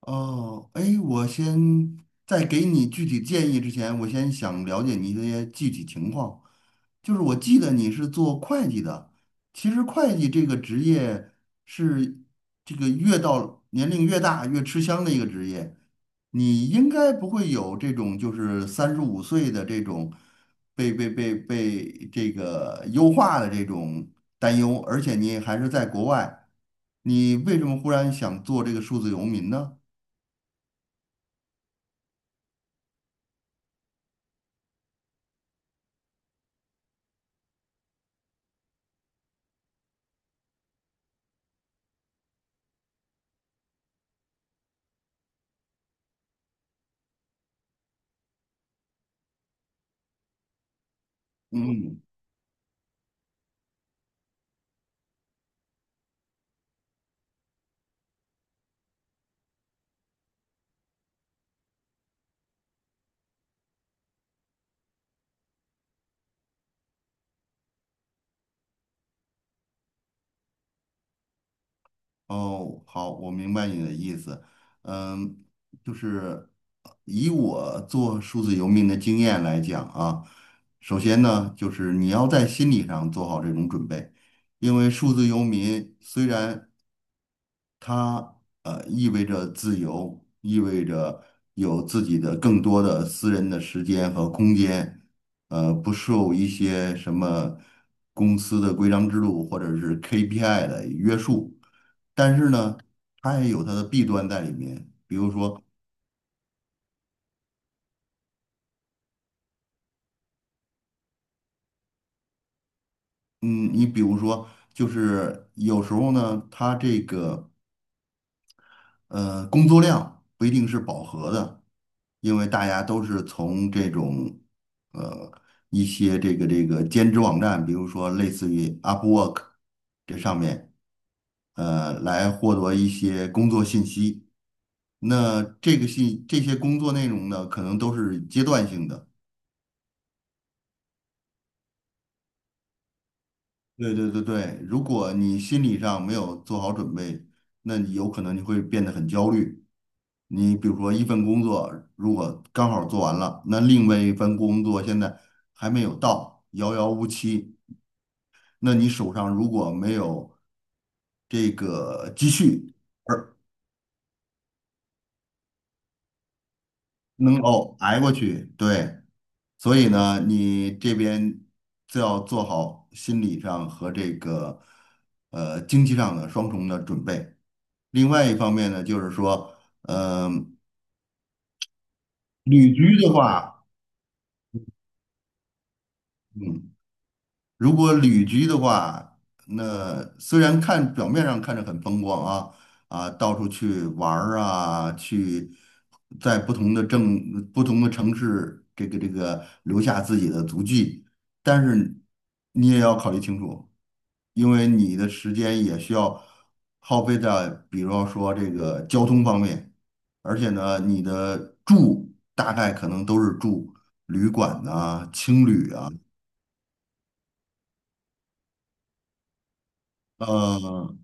哦，哎，在给你具体建议之前，我先想了解你一些具体情况。就是我记得你是做会计的，其实会计这个职业是这个越到年龄越大越吃香的一个职业。你应该不会有这种就是35岁的这种被这个优化的这种担忧，而且你还是在国外，你为什么忽然想做这个数字游民呢？嗯，哦，好，我明白你的意思。嗯，就是以我做数字游民的经验来讲啊，首先呢，就是你要在心理上做好这种准备，因为数字游民虽然它意味着自由，意味着有自己的更多的私人的时间和空间，不受一些什么公司的规章制度或者是 KPI 的约束。但是呢，它也有它的弊端在里面。嗯，你比如说，就是有时候呢，它这个。工作量不一定是饱和的，因为大家都是从这种呃一些这个兼职网站，比如说类似于 Upwork 这上面，来获得一些工作信息。那这个信这些工作内容呢，可能都是阶段性的。对对对对，如果你心理上没有做好准备，那你有可能你会变得很焦虑。你比如说一份工作，如果刚好做完了，那另外一份工作现在还没有到，遥遥无期。那你手上如果没有这个积蓄，能够挨过去，对，所以呢，你这边就要做好心理上和这个经济上的双重的准备。另外一方面呢，就是说，嗯、旅居的话，嗯。如果旅居的话，那虽然看表面上看着很风光啊，到处去玩儿啊，去在不同的城市，这个留下自己的足迹，但是你也要考虑清楚，因为你的时间也需要耗费在，比如说这个交通方面，而且呢，你的住大概可能都是住旅馆呐、青旅啊。呃，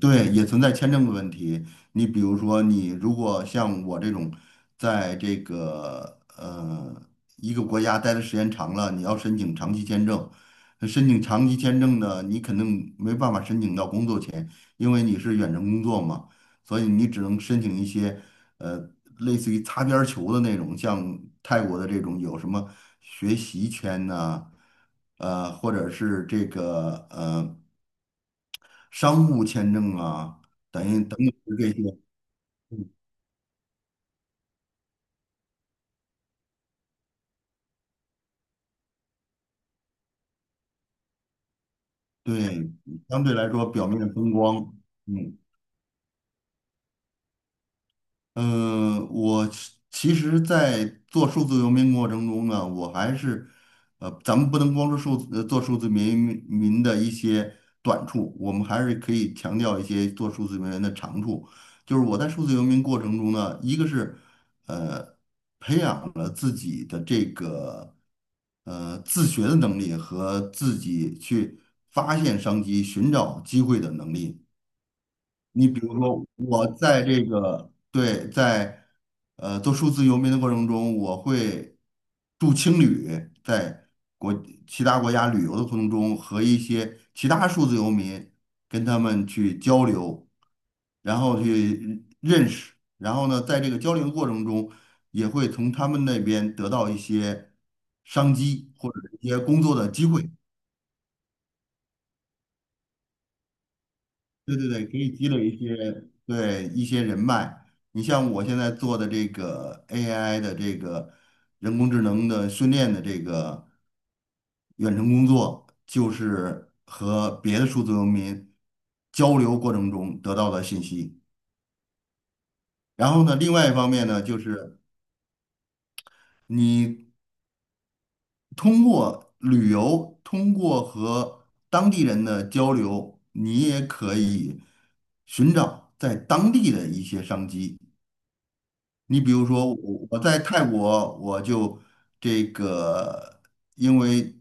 对，也存在签证的问题。你比如说，你如果像我这种，在这个一个国家待的时间长了，你要申请长期签证，那申请长期签证呢，你肯定没办法申请到工作签，因为你是远程工作嘛。所以你只能申请一些呃类似于擦边儿球的那种，像泰国的这种有什么学习签呐、或者是这个商务签证啊，等于这些，对，相对来说表面风光，嗯。我其实，在做数字游民过程中呢，我还是，咱们不能光说数字，做数字民的一些短处，我们还是可以强调一些做数字游民的长处。就是我在数字游民过程中呢，一个是，呃，培养了自己的这个，自学的能力和自己去发现商机、寻找机会的能力。你比如说，我在这个对，在做数字游民的过程中，我会住青旅，在国其他国家旅游的过程中，和一些其他数字游民跟他们去交流，然后去认识，然后呢，在这个交流过程中，也会从他们那边得到一些商机或者一些工作的机会。对对对，可以积累一些对一些人脉。你像我现在做的这个 AI 的这个人工智能的训练的这个远程工作，就是和别的数字游民交流过程中得到的信息。然后呢，另外一方面呢，就是你通过旅游，通过和当地人的交流，你也可以寻找在当地的一些商机。你比如说，我在泰国，我就这个，因为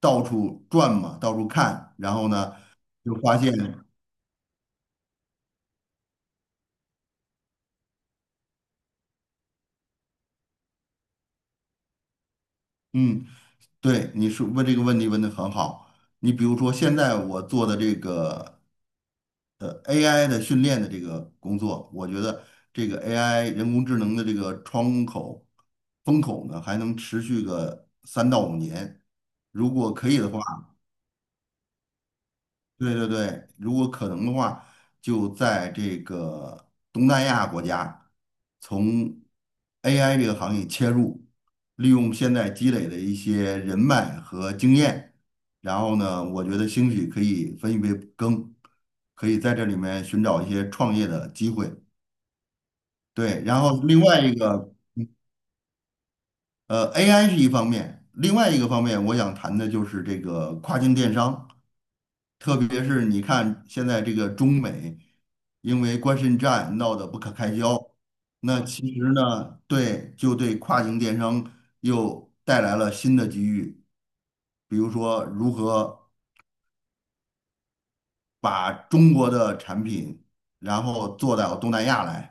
到处转嘛，到处看，然后呢，就发现，嗯，对，你说问这个问题问的很好。你比如说，现在我做的这个AI 的训练的这个工作，我觉得这个 AI 人工智能的这个风口呢，还能持续个3到5年。如果可以的话。对对对，如果可能的话，就在这个东南亚国家，从 AI 这个行业切入，利用现在积累的一些人脉和经验，然后呢，我觉得兴许可以分一杯羹，可以在这里面寻找一些创业的机会。对，然后另外一个，AI 是一方面，另外一个方面，我想谈的就是这个跨境电商。特别是你看现在这个中美因为关税战闹得不可开交，那其实呢，对，就对跨境电商又带来了新的机遇，比如说如何把中国的产品，然后做到东南亚来。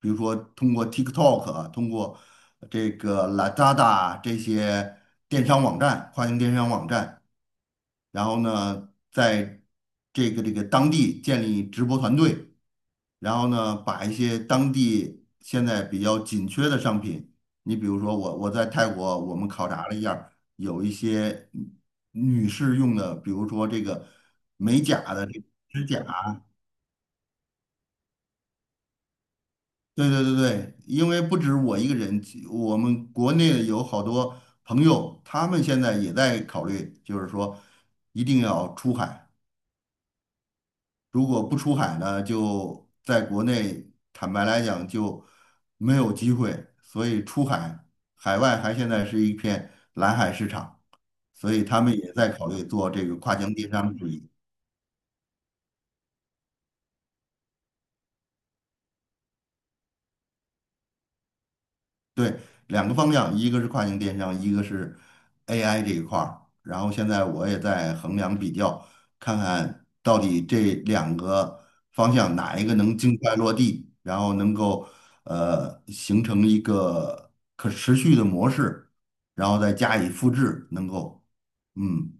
比如说通过 TikTok 啊，通过这个 Lazada 这些电商网站、跨境电商网站，然后呢，在这个当地建立直播团队，然后呢，把一些当地现在比较紧缺的商品，你比如说我在泰国，我们考察了一下儿有一些女士用的，比如说这个美甲的这个指甲。对对对对，因为不止我一个人，我们国内有好多朋友，他们现在也在考虑，就是说一定要出海。如果不出海呢，就在国内，坦白来讲就没有机会。所以出海，海外还现在是一片蓝海市场，所以他们也在考虑做这个跨境电商生意。对，两个方向，一个是跨境电商，一个是 AI 这一块儿。然后现在我也在衡量比较，看看到底这两个方向哪一个能尽快落地，然后能够形成一个可持续的模式，然后再加以复制，能够嗯。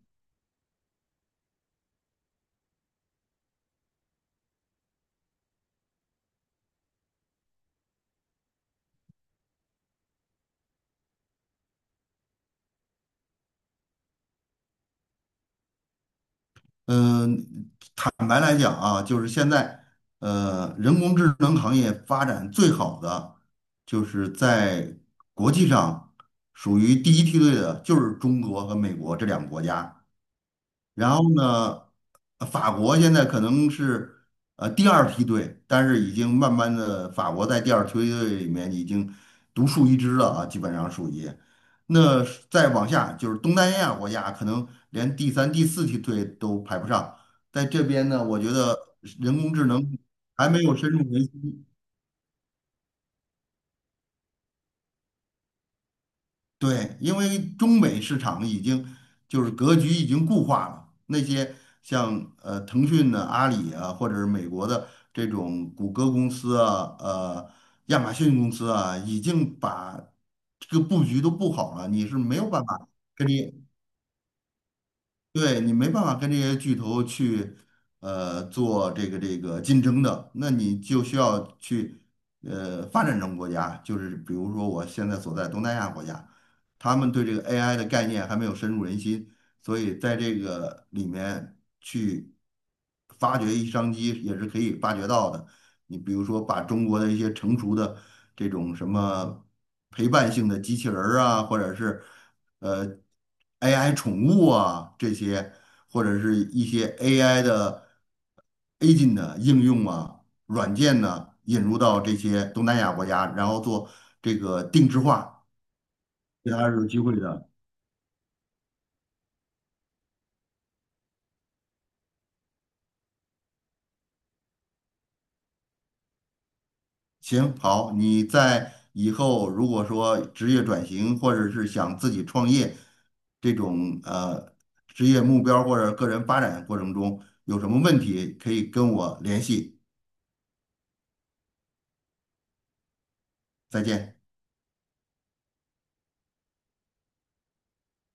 嗯，坦白来讲啊，就是现在，人工智能行业发展最好的，就是在国际上属于第一梯队的，就是中国和美国这两个国家。然后呢，法国现在可能是第二梯队，但是已经慢慢的，法国在第二梯队里面已经独树一帜了啊，基本上属于。那是再往下就是东南亚国家，可能连第三、第四梯队都排不上。在这边呢，我觉得人工智能还没有深入人心，对，因为中美市场已经就是格局已经固化了，那些像腾讯的、阿里啊，或者是美国的这种谷歌公司啊、亚马逊公司啊，已经把这个布局都布好了，你是没有办法跟你对你没办法跟这些巨头去，做这个竞争的，那你就需要去，发展中国家，就是比如说我现在所在东南亚国家，他们对这个 AI 的概念还没有深入人心，所以在这个里面去发掘一商机也是可以发掘到的。你比如说把中国的一些成熟的这种什么陪伴性的机器人儿啊，或者是。呃 AI 宠物啊这些，或者是一些 AI 的 agent 的应用啊、软件呢，引入到这些东南亚国家，然后做这个定制化，这还是有机会的。行，好，你在以后如果说职业转型，或者是想自己创业这种职业目标或者个人发展过程中有什么问题，可以跟我联系。再见。